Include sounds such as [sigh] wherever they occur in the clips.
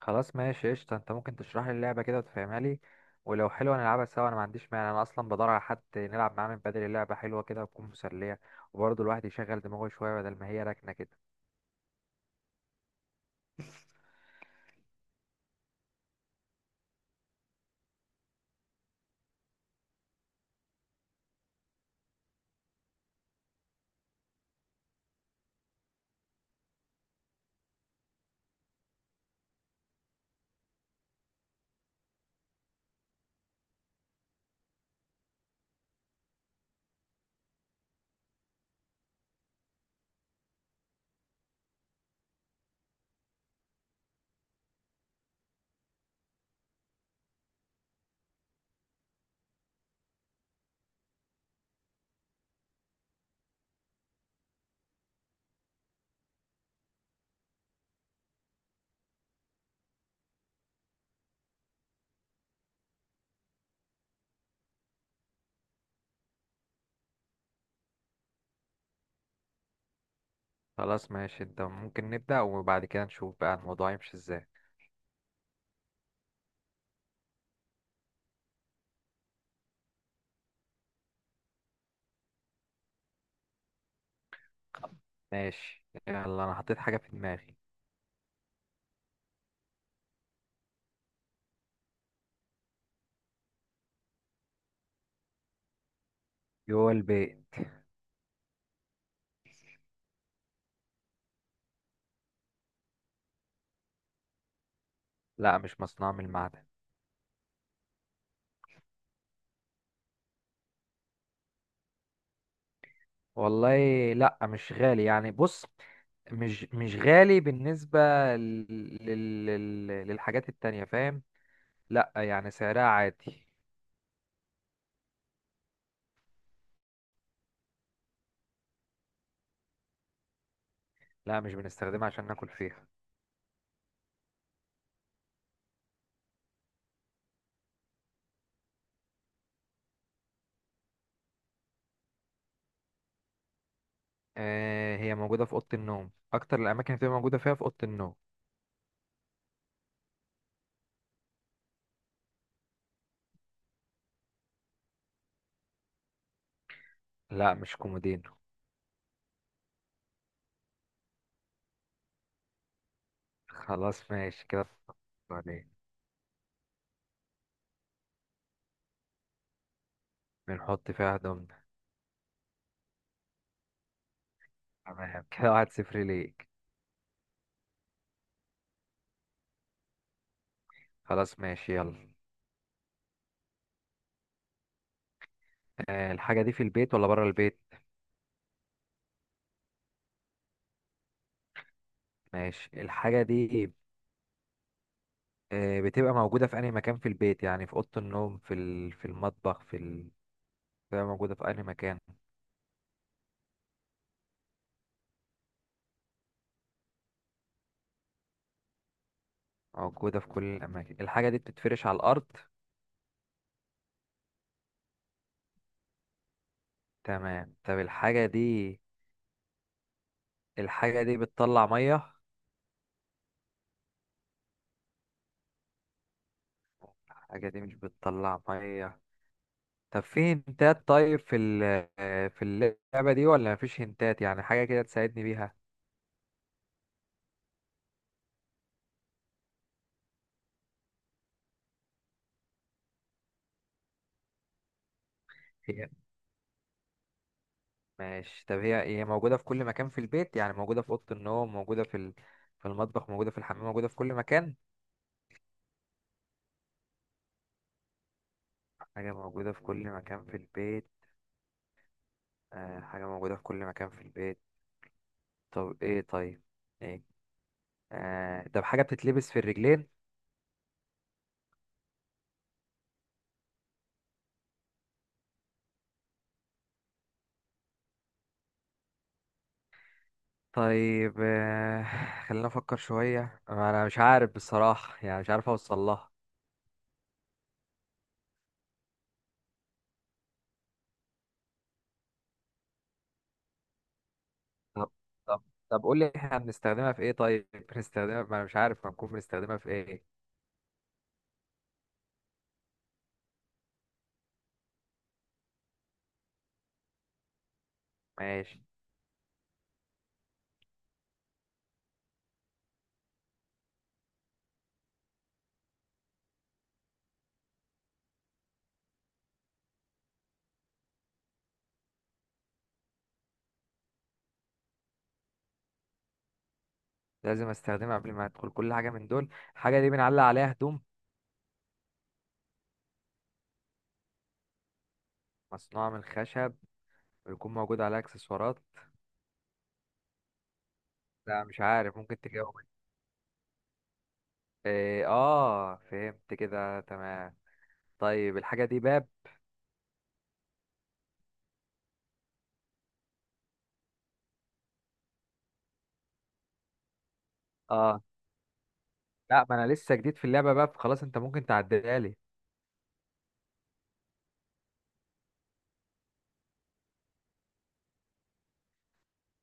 خلاص ماشي قشطة، انت ممكن تشرح لي اللعبة كده وتفهمها لي. ولو حلوة نلعبها سوا، انا ما عنديش مانع. انا اصلا بدور على حد نلعب معاه من بدري. اللعبة حلوة كده وتكون مسلية، وبرضه الواحد يشغل دماغه شوية بدل ما هي راكنة كده. [laughs] خلاص ماشي، انت ممكن نبدأ وبعد كده نشوف بقى الموضوع يمشي ازاي؟ ماشي يلا، انا حطيت حاجة في دماغي. جوه البيت. لا، مش مصنوع من المعدن. والله. لا مش غالي، يعني بص، مش غالي بالنسبة لل... لل... للحاجات التانية، فاهم؟ لا يعني سعرها عادي. لا، مش بنستخدمها عشان ناكل فيها. آه، هي موجودة في أوضة النوم، أكتر الأماكن اللي بتبقى موجودة فيها في أوضة النوم. لا، مش كومودينو. خلاص ماشي كده. عليه. بنحط فيها هدومنا. تمام كده، 1-0 ليك. خلاص ماشي يلا. آه، الحاجة دي في البيت ولا بره البيت؟ ماشي، الحاجة دي، بتبقى موجودة في أي مكان في البيت، يعني في أوضة النوم، في المطبخ، بتبقى موجودة في أي مكان؟ موجودة في كل الأماكن. الحاجة دي بتتفرش على الأرض؟ تمام. طب الحاجة دي، بتطلع مية؟ الحاجة دي مش بتطلع مية. طب في هنتات؟ طيب، في اللعبة دي ولا مفيش هنتات، يعني حاجة كده تساعدني بيها؟ هي. ماشي، طب هي موجودة في كل مكان في البيت، يعني موجودة في أوضة النوم، موجودة في المطبخ، موجودة في الحمام، موجودة في كل مكان؟ حاجة موجودة في كل مكان في البيت. حاجة موجودة في كل مكان في البيت. طب ايه؟ طيب ايه؟ طب حاجة بتتلبس في الرجلين؟ طيب، خلينا افكر شوية، انا مش عارف بصراحة يعني مش عارف اوصل لها. طب طب طب قول لي، احنا بنستخدمها في ايه طيب؟ بنستخدمها؟ ما انا مش عارف هنكون بنستخدمها في ايه. ماشي. لازم استخدمها قبل ما ادخل كل حاجة من دول. حاجة دي بنعلق عليها هدوم؟ مصنوعة من الخشب؟ ويكون موجود عليها اكسسوارات؟ لا مش عارف، ممكن تجاوب. إيه، اه، فهمت كده، تمام. طيب الحاجة دي باب؟ اه. لا، ما انا لسه جديد في اللعبة، باب خلاص، انت ممكن تعديها لي.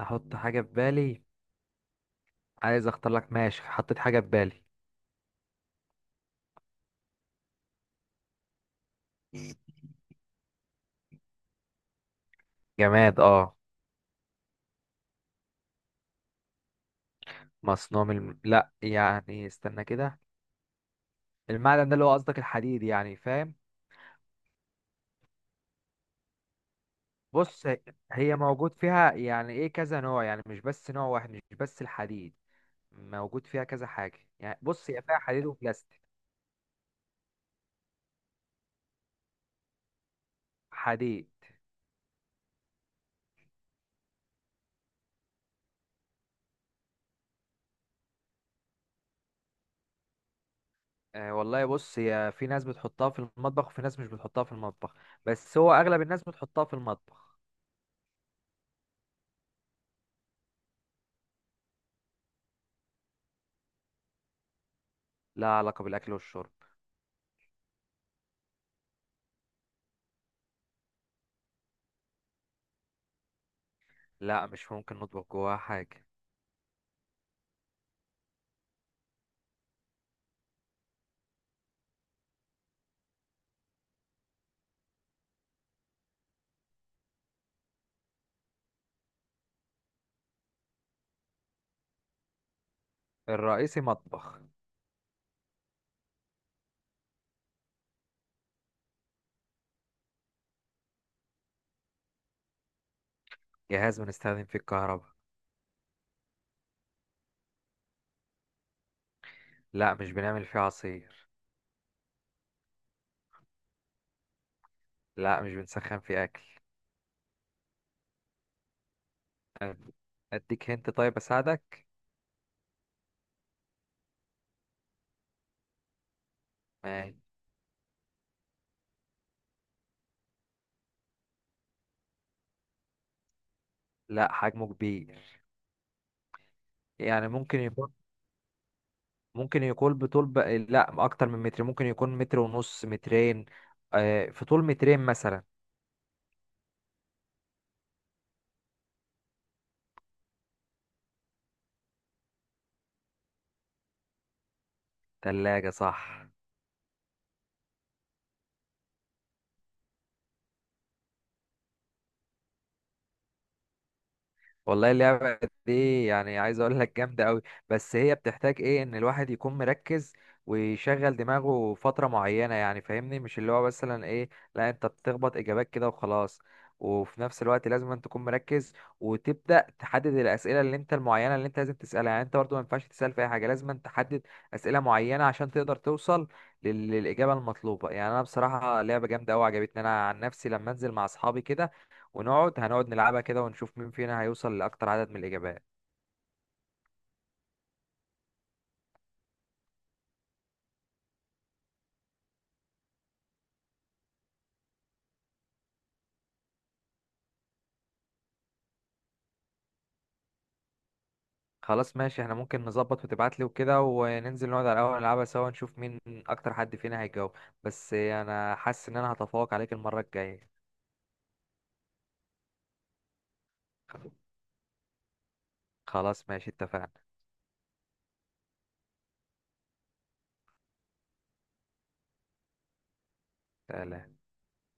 احط حاجة في بالي. عايز اختار لك، ماشي، حطيت حاجة في بالي. جماد، اه. مصنوع لا يعني استنى كده. المعدن ده اللي هو قصدك الحديد يعني، فاهم؟ بص، هي موجود فيها يعني ايه كذا نوع، يعني مش بس نوع واحد، مش بس الحديد، موجود فيها كذا حاجة، يعني بص، هي فيها حديد وبلاستيك. حديد. آه والله، بص، هي في ناس بتحطها في المطبخ وفي ناس مش بتحطها في المطبخ. بس هو اغلب الناس بتحطها في المطبخ. لا علاقة بالاكل والشرب. لا، مش ممكن نطبخ جواها حاجة. الرئيسي مطبخ. جهاز بنستخدم فيه الكهرباء. لا، مش بنعمل فيه عصير. لا، مش بنسخن فيه اكل. أد- اديك هنت؟ طيب اساعدك. ماشي. لا، حجمه كبير. يعني ممكن يكون لا، اكتر من متر، ممكن يكون متر ونص، مترين. آه، في طول مترين مثلا. ثلاجة صح. والله اللعبة دي، يعني عايز اقول لك جامدة قوي. بس هي بتحتاج ايه ان الواحد يكون مركز، ويشغل دماغه فترة معينة، يعني فاهمني، مش اللي هو مثلا ايه. لا، انت بتخبط اجابات كده وخلاص. وفي نفس الوقت لازم أن تكون مركز، وتبدأ تحدد الأسئلة اللي انت المعينة اللي انت لازم تسألها. يعني انت برضو ما ينفعش تسأل في اي حاجة، لازم أن تحدد أسئلة معينة عشان تقدر توصل للإجابة المطلوبة. يعني انا بصراحة لعبة جامدة قوي عجبتني. انا عن نفسي لما انزل مع اصحابي كده، ونقعد نلعبها كده ونشوف مين فينا هيوصل لأكتر عدد من الإجابات. خلاص ماشي، احنا ممكن نظبط وتبعتلي وكده، وننزل نقعد على القهوة نلعبها سوا، نشوف مين أكتر حد فينا هيجاوب. بس أنا حاسس إن أنا هتفوق عليك المرة الجاية. خلاص ماشي، اتفقنا. سلام.